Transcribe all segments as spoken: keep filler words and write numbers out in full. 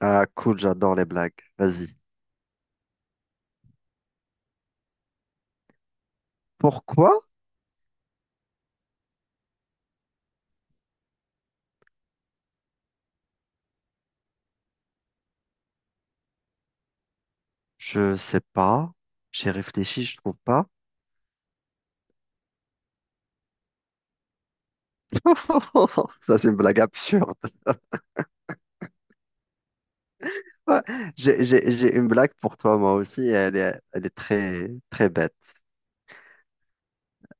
Ah, cool, j'adore les blagues. Vas-y. Pourquoi? Je sais pas. J'ai réfléchi, je trouve pas. Ça, c'est une blague absurde. Ouais, J'ai, j'ai- j'ai une blague pour toi, moi aussi. et Elle est, elle est très, très bête.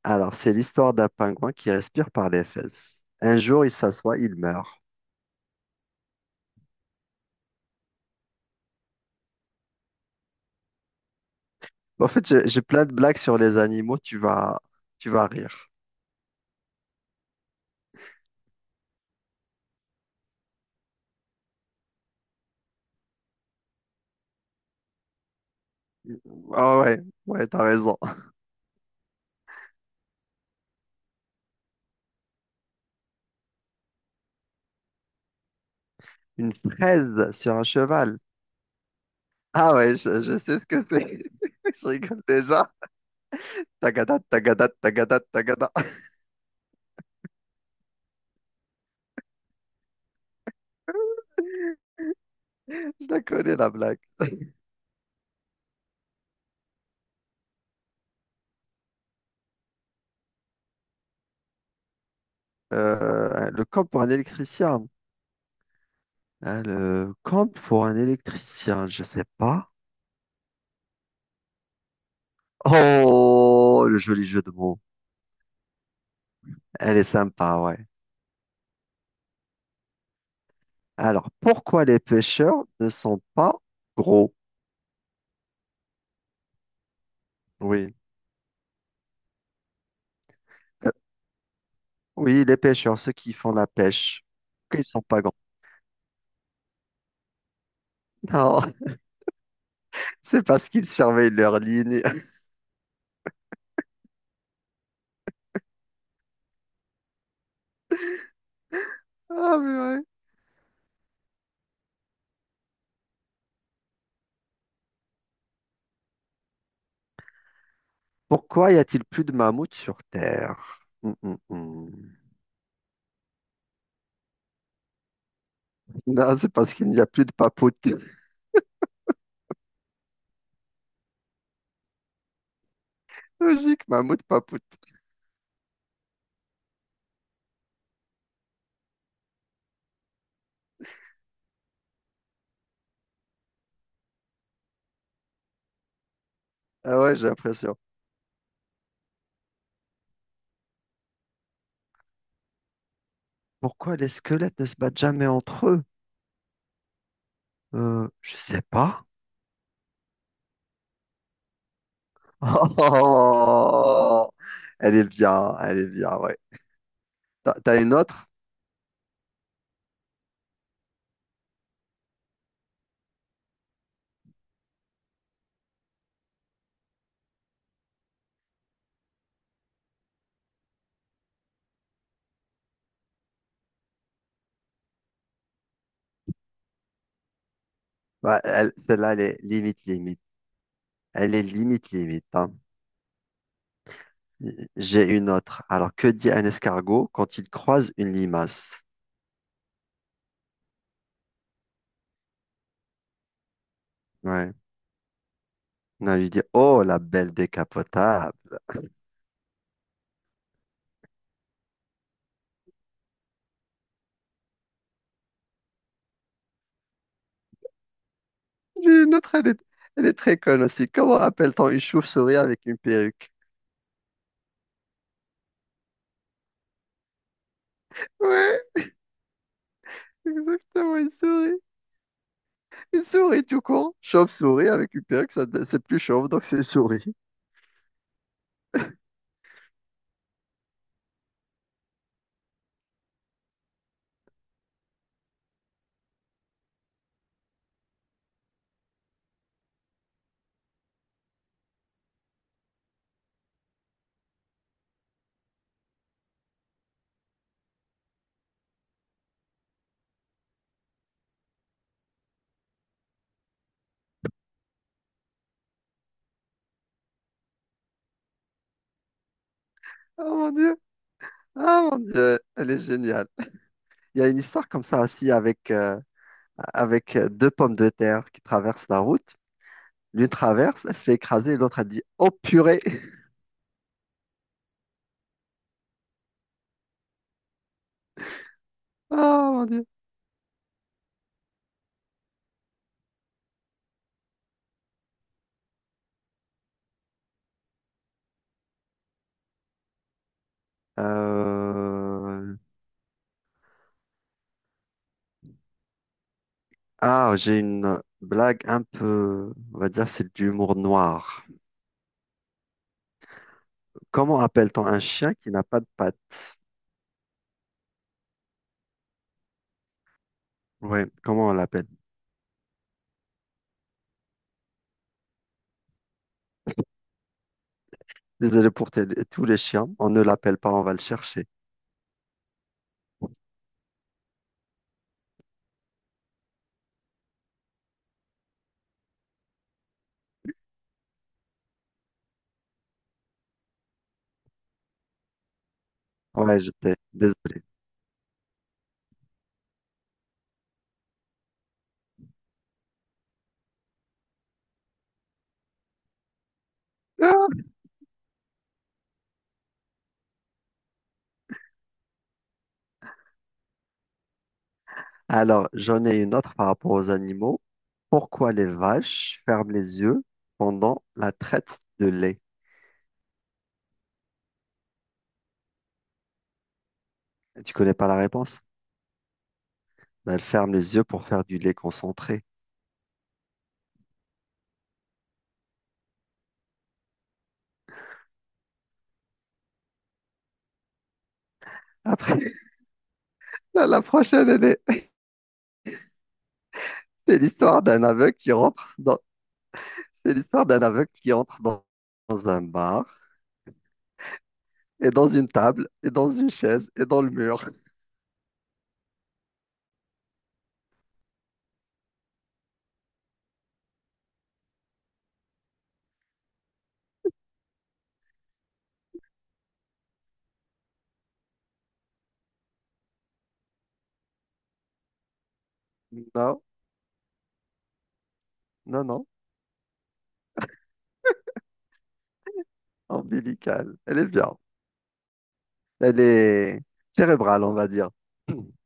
Alors, c'est l'histoire d'un pingouin qui respire par les fesses. Un jour, il s'assoit, il meurt. En fait, j'ai j'ai plein de blagues sur les animaux. Tu vas, tu vas rire. Ah ouais, ouais, t'as raison. Une fraise sur un cheval. Ah ouais, je je sais ce que c'est. Je rigole déjà. Tagada, tagada, tagada, tagada. Je la connais, la blague. Euh, le camp pour un électricien. Hein, le camp pour un électricien, je sais pas. Oh, le joli jeu de mots. Elle est sympa, ouais. Alors, pourquoi les pêcheurs ne sont pas gros? Oui. Euh, oui, les pêcheurs, ceux qui font la pêche. Pourquoi ils sont pas grands? Non, c'est parce qu'ils surveillent leur ligne. Ah, mais ouais. Pourquoi y a-t-il plus de mammouths sur Terre? Hum, hum, hum. Non, c'est parce qu'il n'y a plus de papoute. Logique, mammouth, papoute. Ah ouais, j'ai l'impression. Pourquoi les squelettes ne se battent jamais entre eux? Euh, je sais pas. Oh, elle est bien, elle est bien, ouais. T'as t'as une autre? Ouais, elle- celle-là, elle est limite, limite. Elle est limite, limite, hein. J'ai une autre. Alors, que dit un escargot quand il croise une limace? Ouais. Non, il lui dit, oh, la belle décapotable. J'ai une autre, elle est, elle est très conne aussi. Comment appelle-t-on une chauve-souris avec une perruque? Ouais, exactement, une souris. Une souris tout court. Chauve-souris avec une perruque, ça, c'est plus chauve, donc c'est souris. Oh mon Dieu, ah mon Dieu, elle est géniale. Il y a une histoire comme ça aussi avec, euh, avec euh, deux pommes de terre qui traversent la route. L'une traverse, elle se fait écraser, l'autre elle dit oh purée! Oh mon Dieu! Euh, Ah, j'ai une blague un peu, on va dire, c'est de l'humour noir. Comment appelle-t-on un chien qui n'a pas de pattes? Oui, comment on l'appelle? Désolé pour tel- tous les chiens, on ne l'appelle pas, on va le chercher. Ouais, j'étais désolé. Alors, j'en ai une autre par rapport aux animaux. Pourquoi les vaches ferment les yeux pendant la traite de lait? Tu connais pas la réponse? Ben, elles ferment les yeux pour faire du lait concentré. Après, la la prochaine, elle est- c'est l'histoire d'un aveugle qui rentre dans. C'est l'histoire d'un aveugle qui entre dans, dans un bar, et dans une table, et dans une chaise, et dans le mur. Non, non, non, ombilicale. Elle est bien. Elle est cérébrale, on va dire.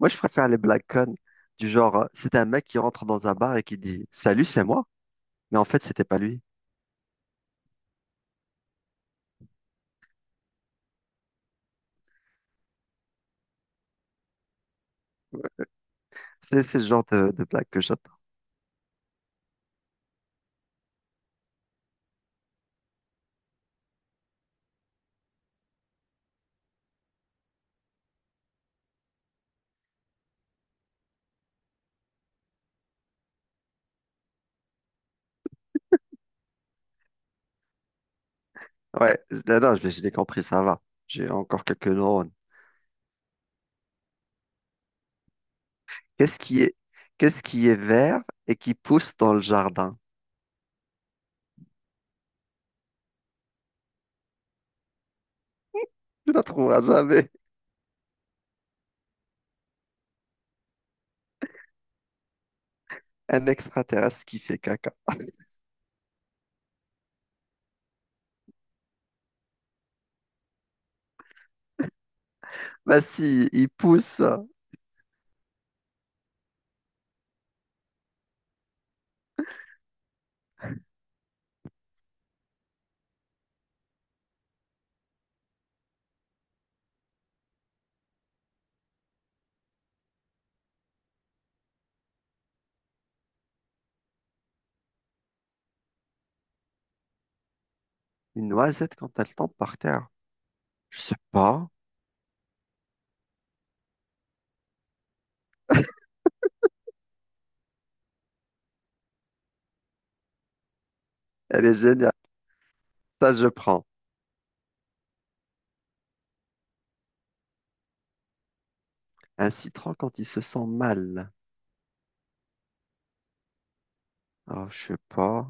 Moi, je préfère les black con, du genre, euh, c'est un mec qui rentre dans un bar et qui dit, salut, c'est moi. Mais en fait, c'était pas lui. C'est c'est le genre de, de blague que j'attends. Ouais, non, non, je l'ai je l'ai compris, ça va. J'ai encore quelques neurones. Qu'est-ce qui est, qu'est-ce qui est vert et qui pousse dans le jardin? Tu ne trouveras jamais un extraterrestre qui fait caca. Bah si, il pousse une noisette quand elle tombe par terre. Je sais pas. Elle est géniale. Ça, je prends. Un citron quand il se sent mal. Oh, je sais pas.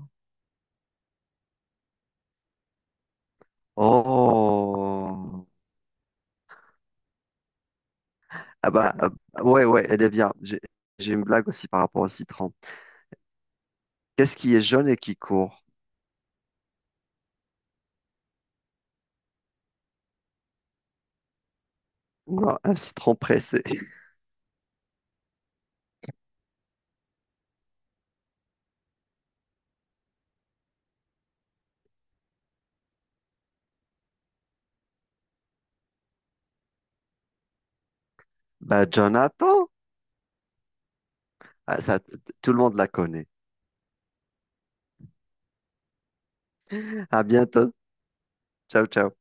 Oh. Ah bah, euh, ouais, ouais, elle est bien. J'ai j'ai une blague aussi par rapport au citron. Qu'est-ce qui est jaune et qui court? Non, un citron pressé. Bah, Jonathan. Ah, ça, t- tout le monde la connaît. À bientôt. Ciao, ciao.